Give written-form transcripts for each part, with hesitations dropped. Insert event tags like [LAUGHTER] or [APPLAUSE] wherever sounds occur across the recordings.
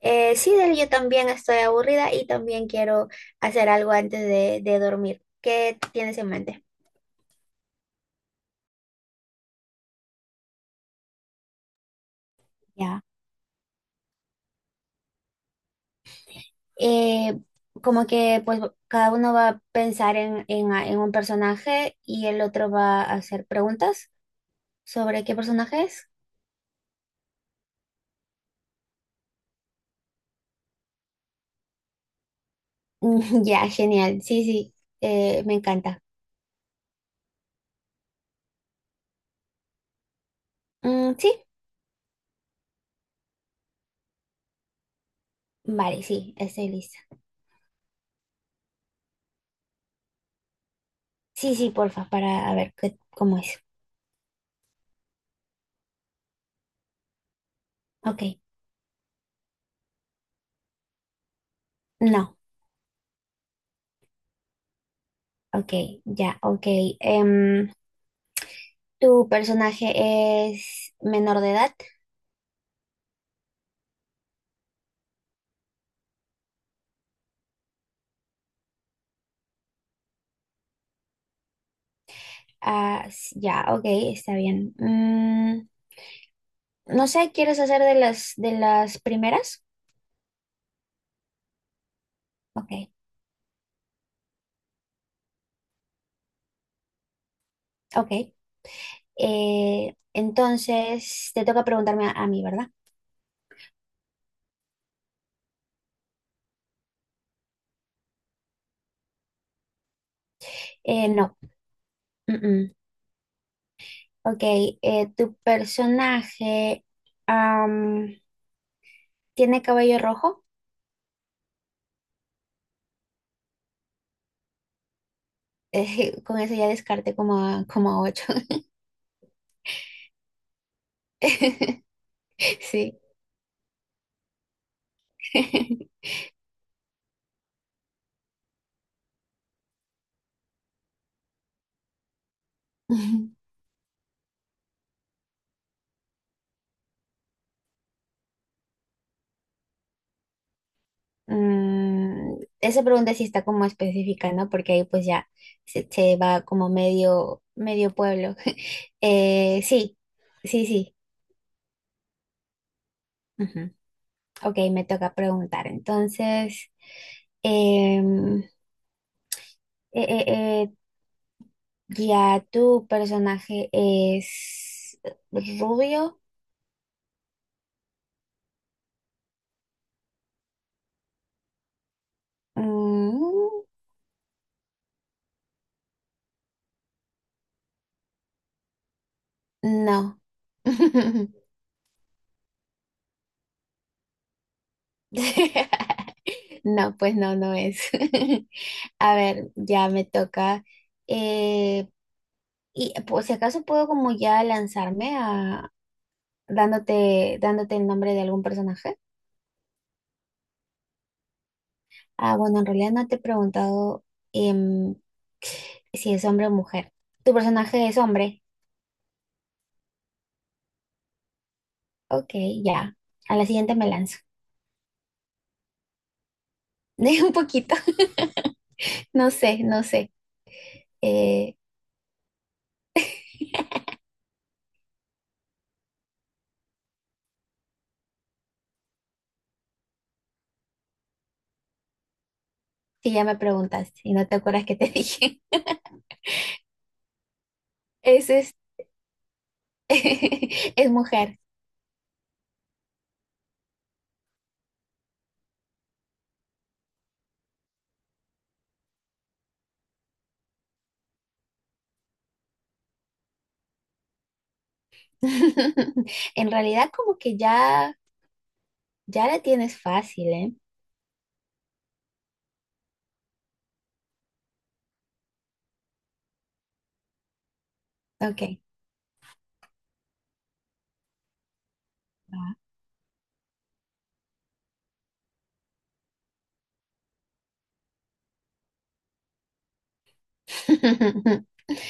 Sí, Del, yo también estoy aburrida y también quiero hacer algo antes de dormir. ¿Qué tienes en mente? Ya. Eh, Como que pues cada uno va a pensar en un personaje y el otro va a hacer preguntas sobre qué personaje es. Mm, [LAUGHS] ya, genial. Sí, sí, me encanta. Mm, sí, vale, sí, estoy lista. Sí, sí, porfa, para a ver qué, cómo es. Ok, no, ok, ya, ok. em, ¿Tu personaje es menor de edad? Ah, ya, ok, está bien. Mm, no sé, ¿quieres hacer de las primeras? Ok, ok. Entonces te toca preguntarme a mí, ¿verdad? No. Mm. Ok, ¿tu personaje am, tiene cabello rojo? [LAUGHS] Con eso ya descarte como a, como a ocho. [LAUGHS] Sí. [LAUGHS] Mm, esa pregunta sí está como específica, ¿no? Porque ahí pues ya se va como medio, medio pueblo. [LAUGHS] Sí, sí, sí. Ujú. Ok, me toca preguntar. Entonces, em, eh, eh, eh, ya tu personaje es rubio. Mm, no. [LAUGHS] No, pues no, no es. [LAUGHS] A ver, ya me toca. eh, Y pues si acaso puedo como ya lanzarme a dándote el nombre de algún personaje. Ah, bueno, en realidad no te he preguntado em, si es hombre o mujer. Tu personaje es hombre. Ok, ya. A la siguiente me lanzo. [LAUGHS] De un poquito. [LAUGHS] No sé, no sé. Eh, si ya me preguntaste y no te acuerdas que te [LAUGHS] dije. Es, es, [LAUGHS] es mujer. [LAUGHS] En realidad como que ya, ya la tienes fácil, ¿eh? Ok.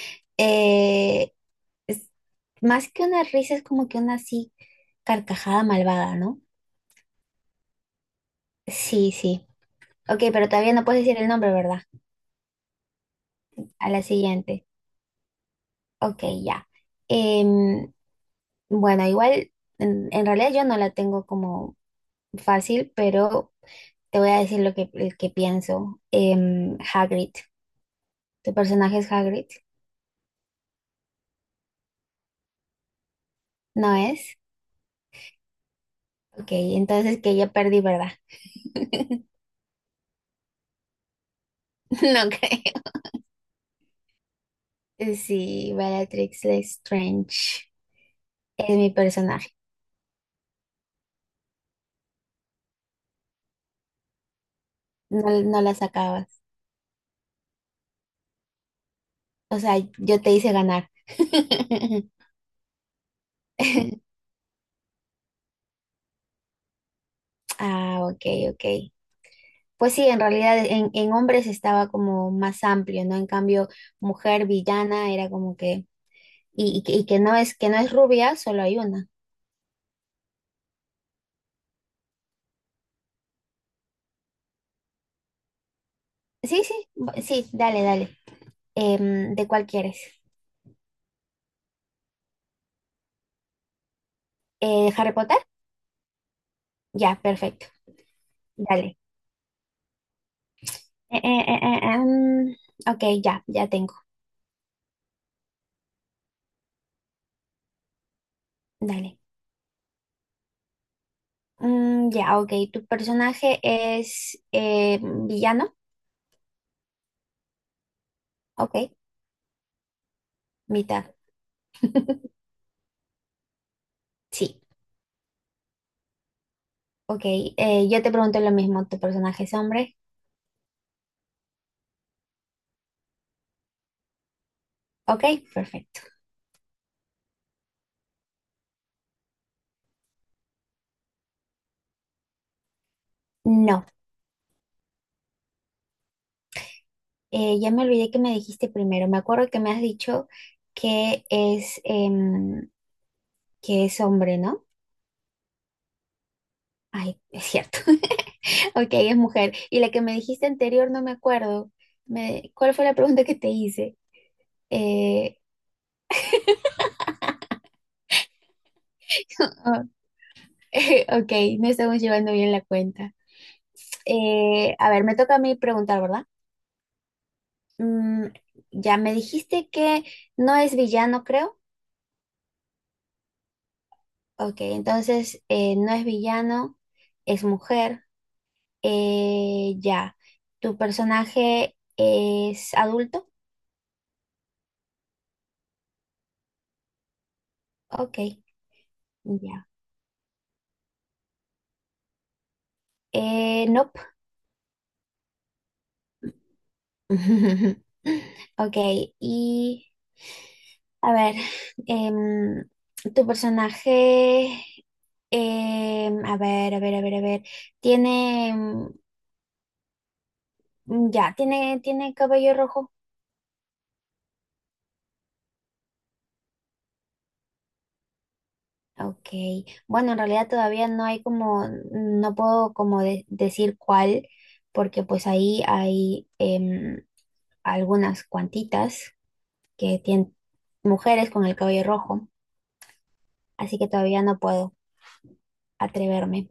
[LAUGHS] Eh, es más que una risa, es como que una así carcajada malvada, ¿no? Sí, sí. Ok, pero todavía no puedes decir el nombre, ¿verdad? A la siguiente. Ok, ya. Em, bueno, igual, en realidad yo no la tengo como fácil, pero te voy a decir el que pienso. Em, Hagrid. ¿Tu personaje es Hagrid? ¿No es? Ok, entonces que ya perdí, ¿verdad? [LAUGHS] No creo. Sí, Bellatrix Lestrange es mi personaje. No, no la sacabas. O sea, yo te hice ganar. [LAUGHS] Ah, ok, ok. Pues sí, en realidad en hombres estaba como más amplio, ¿no? En cambio, mujer villana era como que, y que no es rubia, solo hay una. Sí, sí, sí, dale, dale. Em, ¿de cuál quieres? ¿Harry Potter? Ya, perfecto. Dale. Eh, eh, eh, eh, em, ok, ya, ya tengo. Dale. Mm, ya, ok. ¿Tu personaje es villano? Ok, mitad. [LAUGHS] Sí, ok. Yo te pregunto lo mismo, ¿tu personaje es hombre? Ok, perfecto. No, ya me olvidé que me dijiste primero. Me acuerdo que me has dicho que es, que es hombre, ¿no? Ay, es cierto. [LAUGHS] Ok, es mujer. Y la que me dijiste anterior no me acuerdo. Me- ¿cuál fue la pregunta que te hice? Eh, [LAUGHS] ok, no estamos llevando bien la cuenta. A ver, me toca a mí preguntar, ¿verdad? Mm, ya me dijiste que no es villano, creo. Ok, entonces no es villano, es mujer. Ya. ¿Tu personaje es adulto? Ok, ya. Nope. [LAUGHS] Ok, y a ver, em, tu personaje, em, a ver, tiene, em, ya, tiene cabello rojo. Ok, bueno, en realidad todavía no hay como, no puedo como decir cuál, porque pues ahí hay em, algunas cuantitas que tienen mujeres con el cabello rojo, así que todavía no puedo atreverme.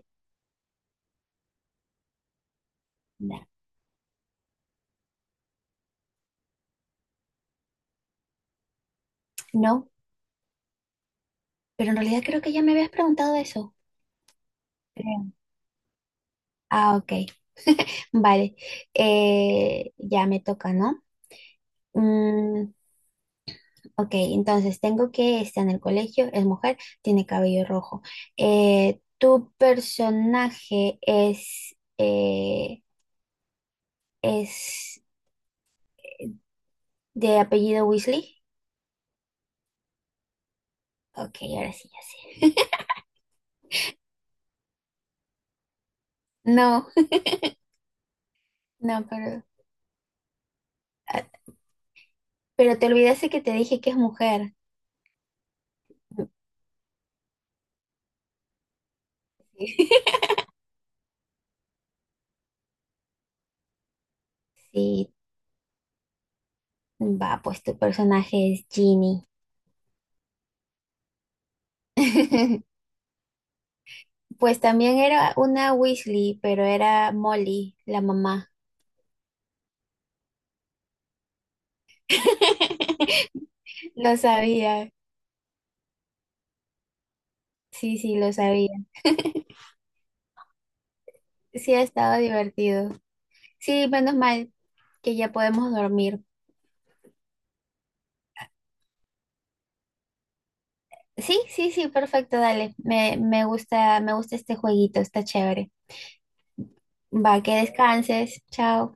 No, no, pero en realidad creo que ya me habías preguntado eso. Creo. Ah, ok, vale, eh, ya me toca, ¿no? Mm, ok, entonces tengo que está en el colegio, es mujer, tiene cabello rojo. ¿Tu personaje es de apellido Weasley? Ok, ahora sí, ya sé. No, [LAUGHS] no, pero, ah, pero te olvidaste que te dije que es mujer. [LAUGHS] Sí, va, pues tu personaje es Ginny. [LAUGHS] Pues también era una Weasley, pero era Molly, la mamá. [LAUGHS] Lo sabía, sí, sí, lo sabía. Sí, ha estado divertido. Sí, menos mal que ya podemos dormir. Sí, sí, sí, perfecto, dale. Me gusta, me gusta este jueguito, está chévere. Va, que descanses. Chao.